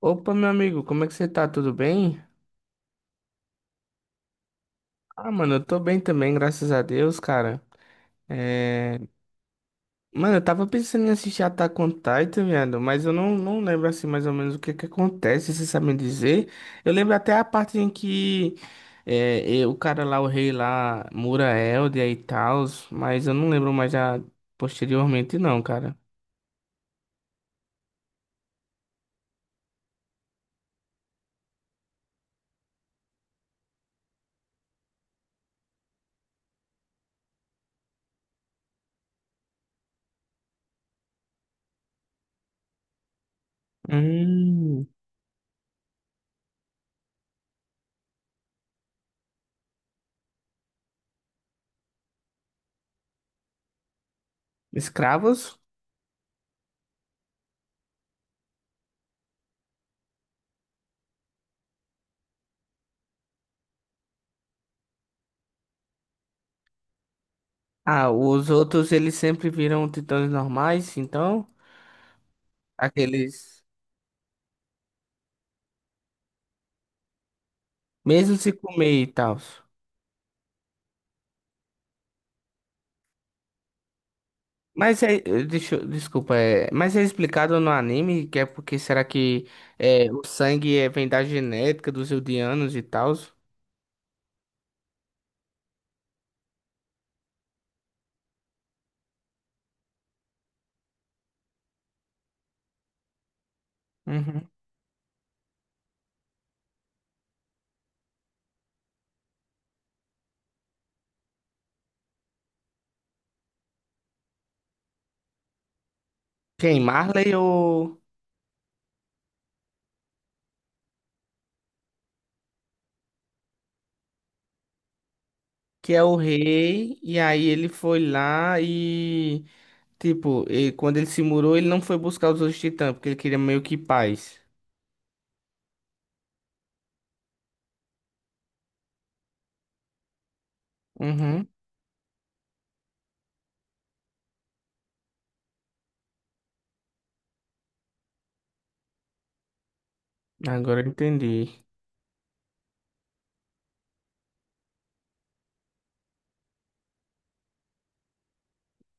Opa, meu amigo, como é que você tá? Tudo bem? Ah, mano, eu tô bem também, graças a Deus, cara. É... Mano, eu tava pensando em assistir Attack on Titan, viado, mas eu não lembro assim mais ou menos o que que acontece. Vocês sabem dizer? Eu lembro até a parte em que o cara lá, o rei lá, Mura Eldia e tal, mas eu não lembro mais já posteriormente não, cara. Hum. Escravos? Ah, os outros eles sempre viram titãs normais, então? Aqueles. Mesmo se comer e tal. Mas desculpa, é, mas é explicado no anime que é porque será que é, o sangue é, vem da genética dos Eldianos e tal? Uhum. Quem? Marley ou que é o rei, e aí ele foi lá e tipo, e quando ele se murou, ele não foi buscar os outros titãs, porque ele queria meio que paz. Uhum. Agora eu entendi.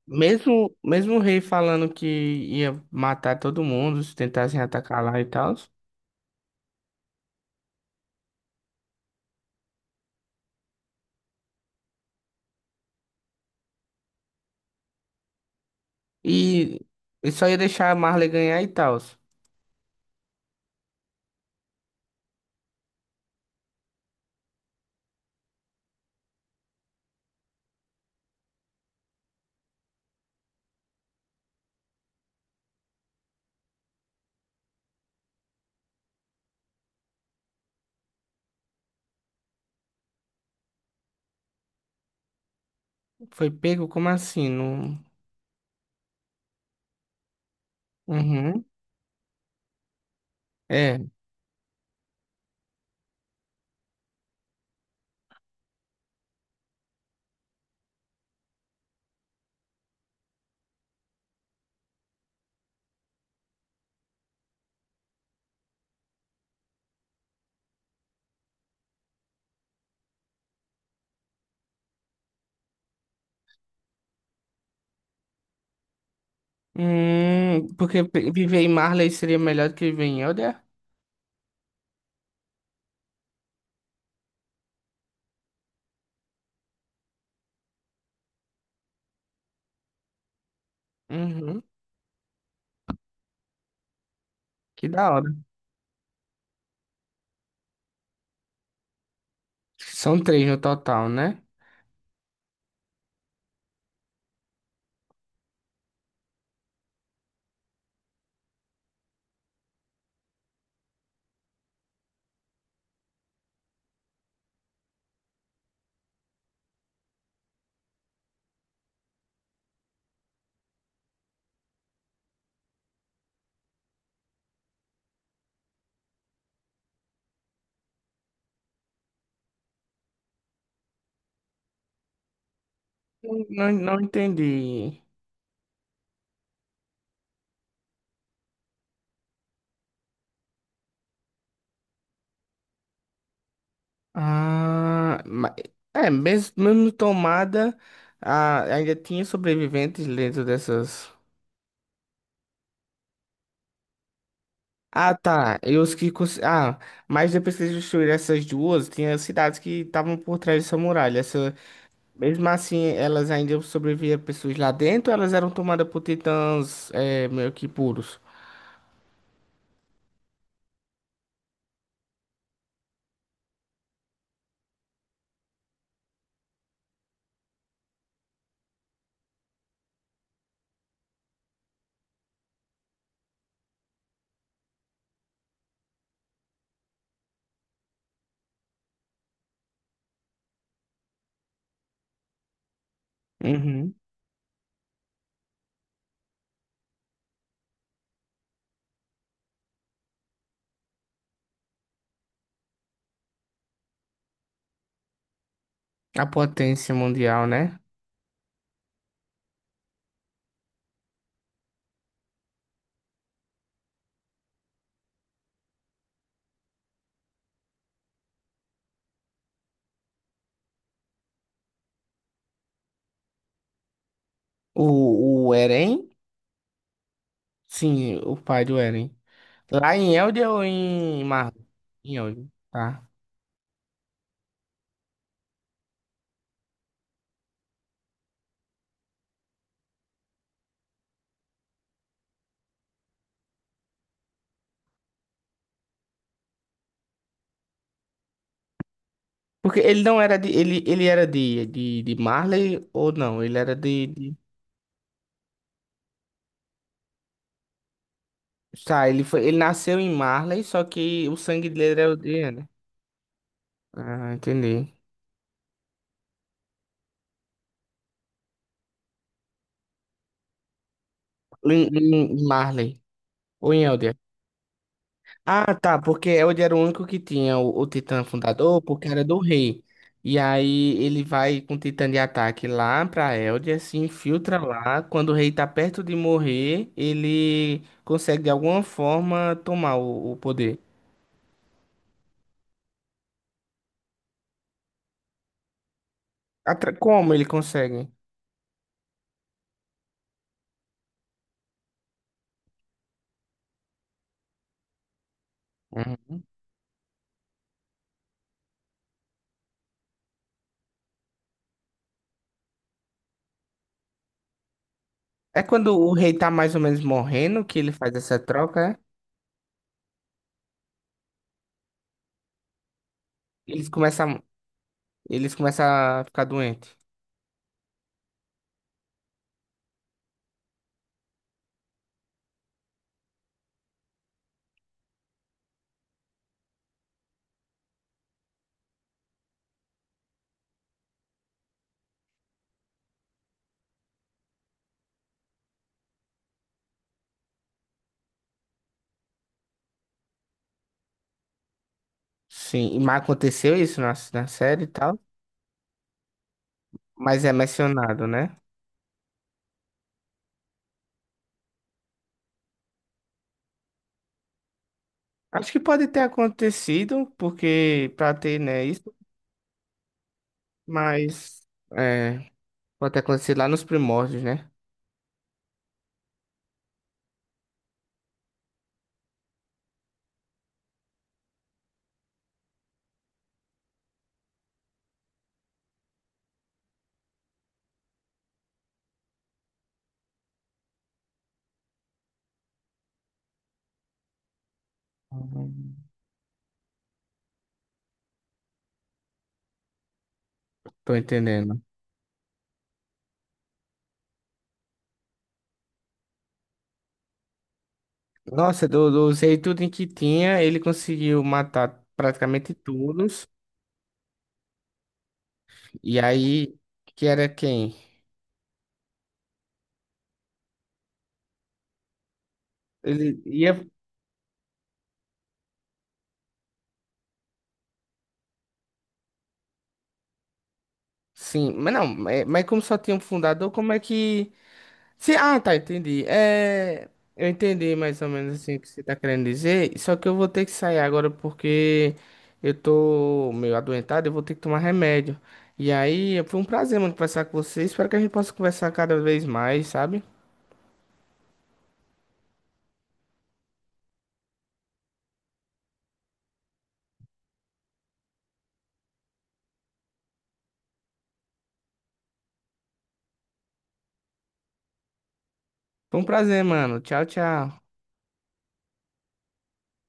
Mesmo, mesmo o rei falando que ia matar todo mundo se tentassem atacar lá e tal. E e só ia deixar a Marley ganhar e tal. Foi pego? Como assim? Não... Uhum. É. Porque pe- viver em Marley seria melhor do que viver em Elder? Uhum. Que da hora. São três no total, né? Não, não, não entendi. Ah, ma- é, mesmo, mesmo tomada, ah, ainda tinha sobreviventes dentro dessas. Ah, tá. E os que cons- ah, mas depois que eles destruíram essas duas, tinha cidades que estavam por trás dessa muralha. Essa... Mesmo assim, elas ainda sobreviviam pessoas lá dentro, elas eram tomadas por titãs é, meio que puros. Uhum. A potência mundial, né? O Eren? Sim, o pai do Eren. Lá em Eldia ou em Marley? Em Eldia, tá. Porque ele não era de. Ele era de, de Marley ou não? Ele era de. Tá, ele foi, ele nasceu em Marley, só que o sangue dele era Elder, né? Ah, entendi. Em, em Marley, ou em Elder. Ah, tá, porque Elder era o único que tinha o Titã fundador, porque era do rei. E aí ele vai com o Titã de ataque lá pra Elder, se infiltra lá. Quando o rei tá perto de morrer, ele consegue de alguma forma tomar o poder. Atra- como ele consegue? Uhum. É quando o rei tá mais ou menos morrendo que ele faz essa troca, é? Eles começam, eles começam a ficar doentes. Sim, e mas aconteceu isso na, na série e tal, mas é mencionado, né? Acho que pode ter acontecido, porque pra ter, né, isso, mas é, pode ter acontecido lá nos primórdios, né? Uhum. Tô entendendo. Nossa, do, do usei tudo em que tinha, ele conseguiu matar praticamente todos. E aí, que era quem? Ele ia. Sim, mas não, mas como só tinha um fundador, como é que. Se, ah, tá, entendi. É, eu entendi mais ou menos assim o que você tá querendo dizer, só que eu vou ter que sair agora porque eu tô meio adoentado, eu vou ter que tomar remédio. E aí, foi um prazer, mano, conversar com você. Espero que a gente possa conversar cada vez mais, sabe? Foi um prazer, mano. Tchau, tchau.